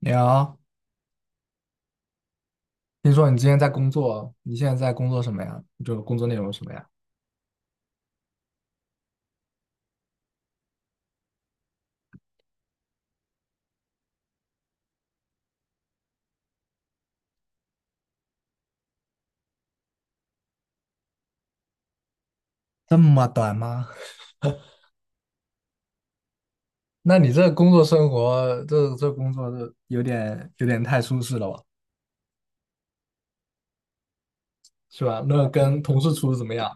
你好，听说你之前在工作，你现在在工作什么呀？就工作内容什么呀？这么短吗？那你这工作生活，这工作这有点太舒适了吧，是吧？那跟同事处的怎么样？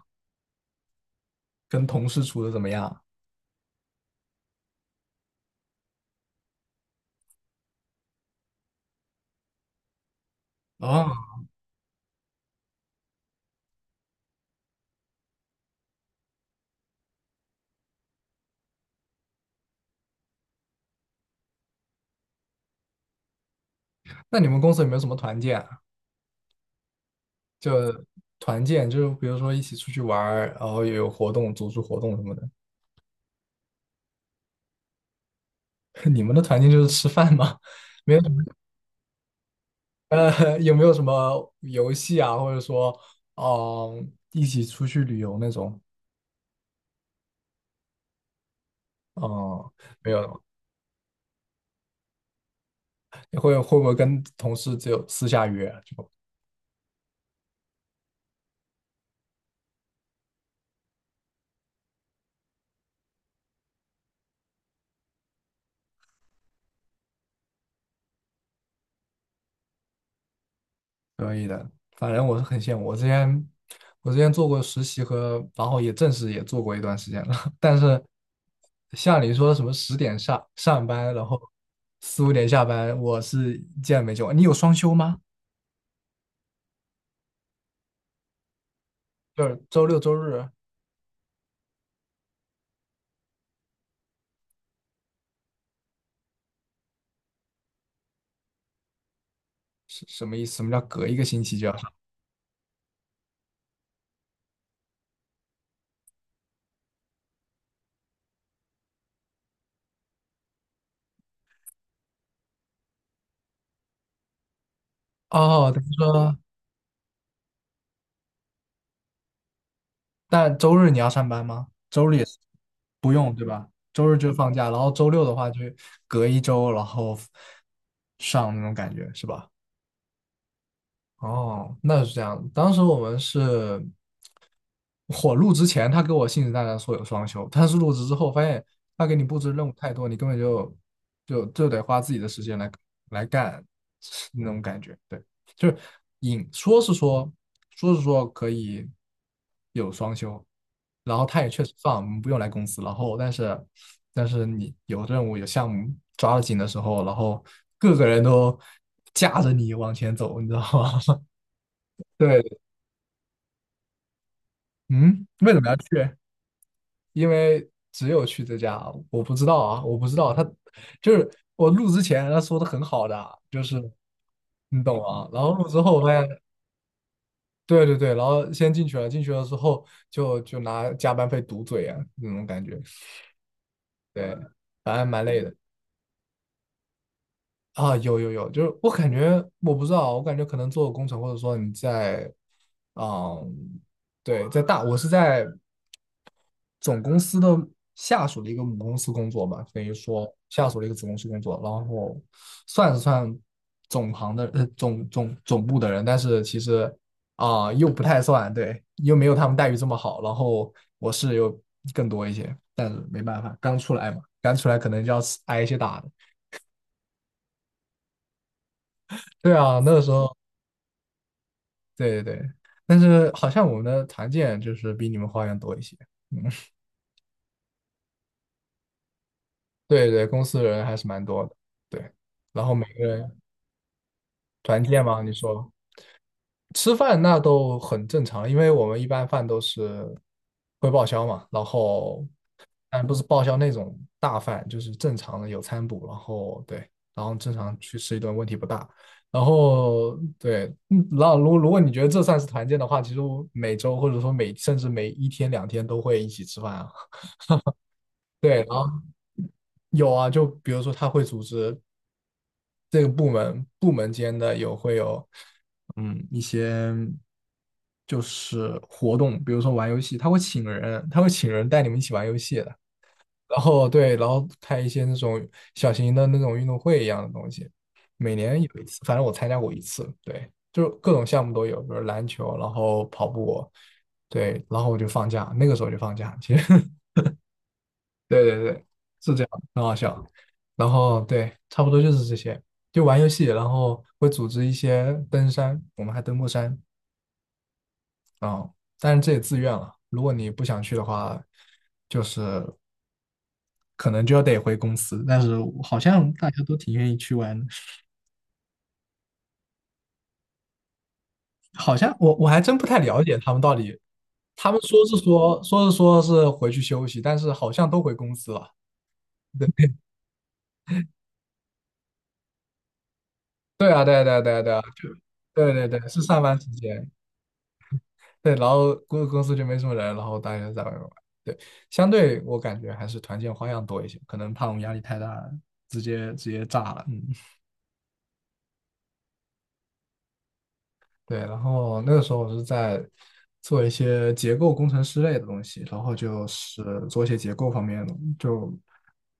跟同事处的怎么样？哦，那你们公司有没有什么团建啊就团建，就比如说一起出去玩儿，然后有活动、组织活动什么的。你们的团建就是吃饭吗？没有。有没有什么游戏啊，或者说，一起出去旅游那种？嗯，没有了你会不会跟同事只有私下约就可以的？反正我是很羡慕，我之前做过实习和，然后也正式也做过一段时间了。但是像你说什么10点上班，然后4、5点下班，我是见没见过。你有双休吗？就是周六周日是什么意思？什么叫隔一个星期就要上？哦，等于说。但周日你要上班吗？周日也是不用，对吧？周日就放假，然后周六的话就隔一周，然后上那种感觉，是吧？哦，那是这样。当时我们是我入职前，他给我信誓旦旦说有双休，但是入职之后发现他给你布置任务太多，你根本就得花自己的时间来干 那种感觉。对，就是引说是说可以有双休，然后他也确实放，我们不用来公司。然后但是你有任务有项目抓得紧的时候，然后各个人都架着你往前走，你知道吗？对，嗯，为什么要去？因为只有去这家，我不知道啊，我不知道他就是我录之前他说的很好的啊，就是你懂吗？然后录之后我发现，对对对，然后先进去了，进去了之后就拿加班费堵嘴啊，那种感觉，对，反正蛮累的啊，有有有，就是我感觉我不知道，我感觉可能做工程或者说你在，啊，对，在大，我是在。总公司的下属的一个母公司工作吧，等于说下属的一个子公司工作，然后算是算总行的总部的人，但是其实啊、又不太算，对，又没有他们待遇这么好，然后我是有更多一些，但是没办法，刚出来嘛，刚出来可能就要吃挨一些打的，对啊，那个时候，对对对，但是好像我们的团建就是比你们花样多一些，嗯，对对，公司人还是蛮多的，对，然后每个人。团建吗？你说吃饭那都很正常，因为我们一般饭都是会报销嘛，然后但不是报销那种大饭，就是正常的有餐补，然后对，然后正常去吃一顿问题不大。然后对，嗯然后如果你觉得这算是团建的话，其实我每周或者说每甚至每一天两天都会一起吃饭啊。对，然后有啊，就比如说他会组织这个部门间的有会有，嗯，一些就是活动，比如说玩游戏，他会请人带你们一起玩游戏的。然后对，然后开一些那种小型的那种运动会一样的东西，每年有一次，反正我参加过一次。对，就是各种项目都有，比如篮球，然后跑步，对，然后我就放假，那个时候就放假，其实对对对，是这样，很好笑。然后对，差不多就是这些，就玩游戏，然后会组织一些登山，我们还登过山啊、但是这也自愿了。如果你不想去的话，就是可能就要得回公司。但是好像大家都挺愿意去玩，的。好像我还真不太了解他们到底，他们说是说说是说是回去休息，但是好像都回公司了。对对啊，对啊对啊对啊对啊，就对对对，是上班时间。对，然后公司就没什么人，然后大家在外面玩。对，相对我感觉还是团建花样多一些，可能怕我们压力太大，直接炸了。嗯，对。然后那个时候我是在做一些结构工程师类的东西，然后就是做一些结构方面的，就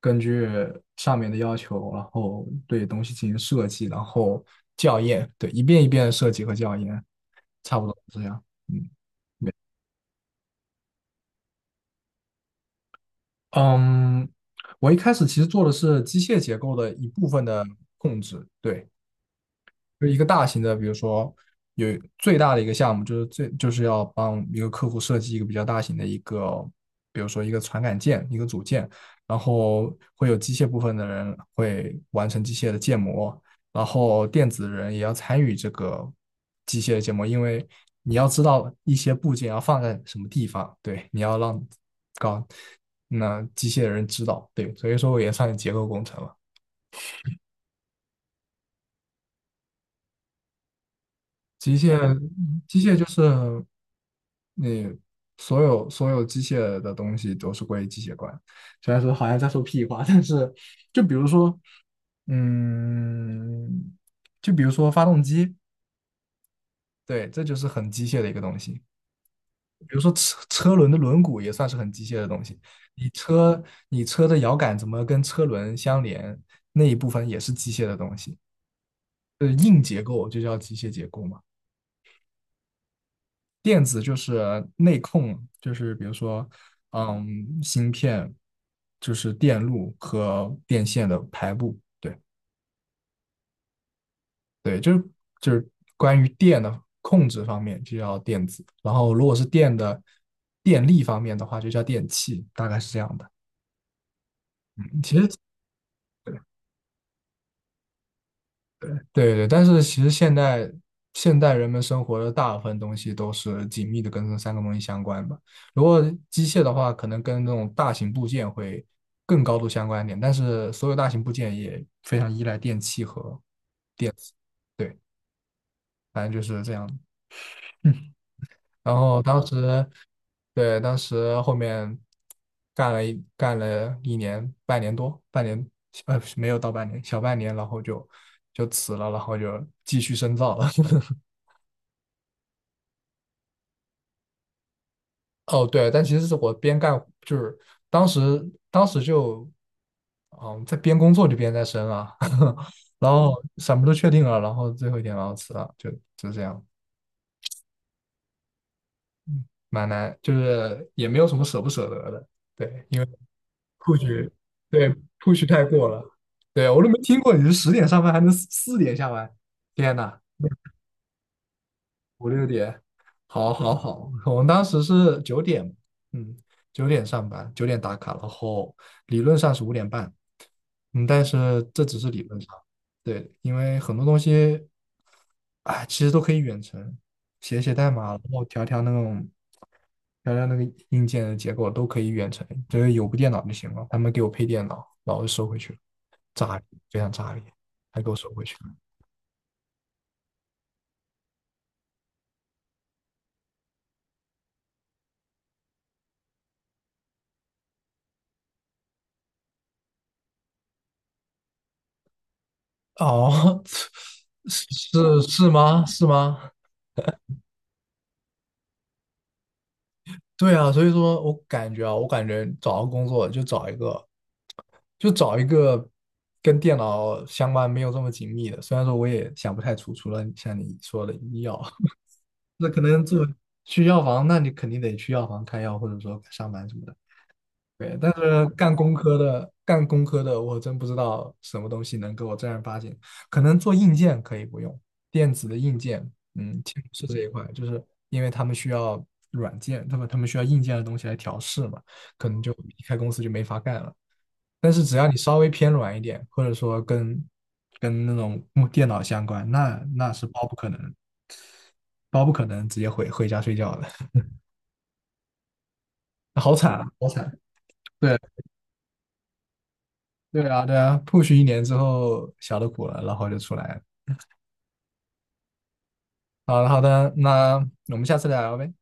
根据上面的要求，然后对东西进行设计，然后校验，对，一遍一遍地设计和校验，差不多是这样。嗯。嗯，我一开始其实做的是机械结构的一部分的控制，对，就是一个大型的，比如说有最大的一个项目，就是最就是要帮一个客户设计一个比较大型的一个，比如说一个传感件、一个组件，然后会有机械部分的人会完成机械的建模，然后电子人也要参与这个机械的建模，因为你要知道一些部件要放在什么地方，对，你要让搞那机械人知道，对，所以说我也算是结构工程了。机械，机械就是你所有机械的东西都是归机械管。虽然说好像在说屁话，但是就比如说，嗯，就比如说发动机，对，这就是很机械的一个东西。比如说车轮的轮毂也算是很机械的东西。你车你车的摇杆怎么跟车轮相连，那一部分也是机械的东西。呃，硬结构就叫机械结构嘛。电子就是内控，就是比如说，嗯，芯片，就是电路和电线的排布，对对，就是关于电的控制方面就叫电子，然后如果是电的电力方面的话，就叫电器，大概是这样的。其实。对对，但是其实现代人们生活的大部分东西都是紧密的跟这三个东西相关吧。如果机械的话，可能跟那种大型部件会更高度相关一点，但是所有大型部件也非常依赖电器和电子。对，反正就是这样 嗯，然后当时，对，当时后面干了一年，半年多，半年，呃，没有到半年，小半年，然后就辞了，然后就继续深造了。哦，对，但其实是我边干，就是当时当时就，嗯，在边工作就边在升啊，然后什么都确定了，然后最后一天然后辞了，就这样，嗯，蛮难，就是也没有什么舍不舍得的，对，因为 push，嗯对 push 太过了，对我都没听过你是十点上班还能四点下班，天呐！5、6点，好，好，好，我们当时是九点，嗯，九点上班，九点打卡，然后理论上是5点半，嗯，但是这只是理论上，对，因为很多东西，哎，其实都可以远程，写写代码，然后调调那个硬件的结构都可以远程，只要有部电脑就行了。他们给我配电脑，然后就收回去了，炸裂，非常炸裂，还给我收回去了。哦，是吗？是吗？对啊，所以说我感觉啊，我感觉找到工作就找一个，就找一个跟电脑相关没有这么紧密的。虽然说我也想不太出，除了像你说的医药，那可能去药房，那你肯定得去药房开药，或者说上班什么的。对，但是干工科的，我真不知道什么东西能给我正儿八经。可能做硬件可以不用，电子的硬件，嗯，其实是这一块，就是因为他们需要软件，他们需要硬件的东西来调试嘛，可能就离开公司就没法干了。但是只要你稍微偏软一点，或者说跟那种木电脑相关，那是包不可能，包不可能直接回家睡觉的，好惨啊，好惨。对。对啊，对啊，push 一年之后小的苦了，然后就出来了。好的，好的，那我们下次再聊呗。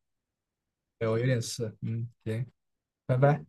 对，我有点事，嗯，行，拜拜。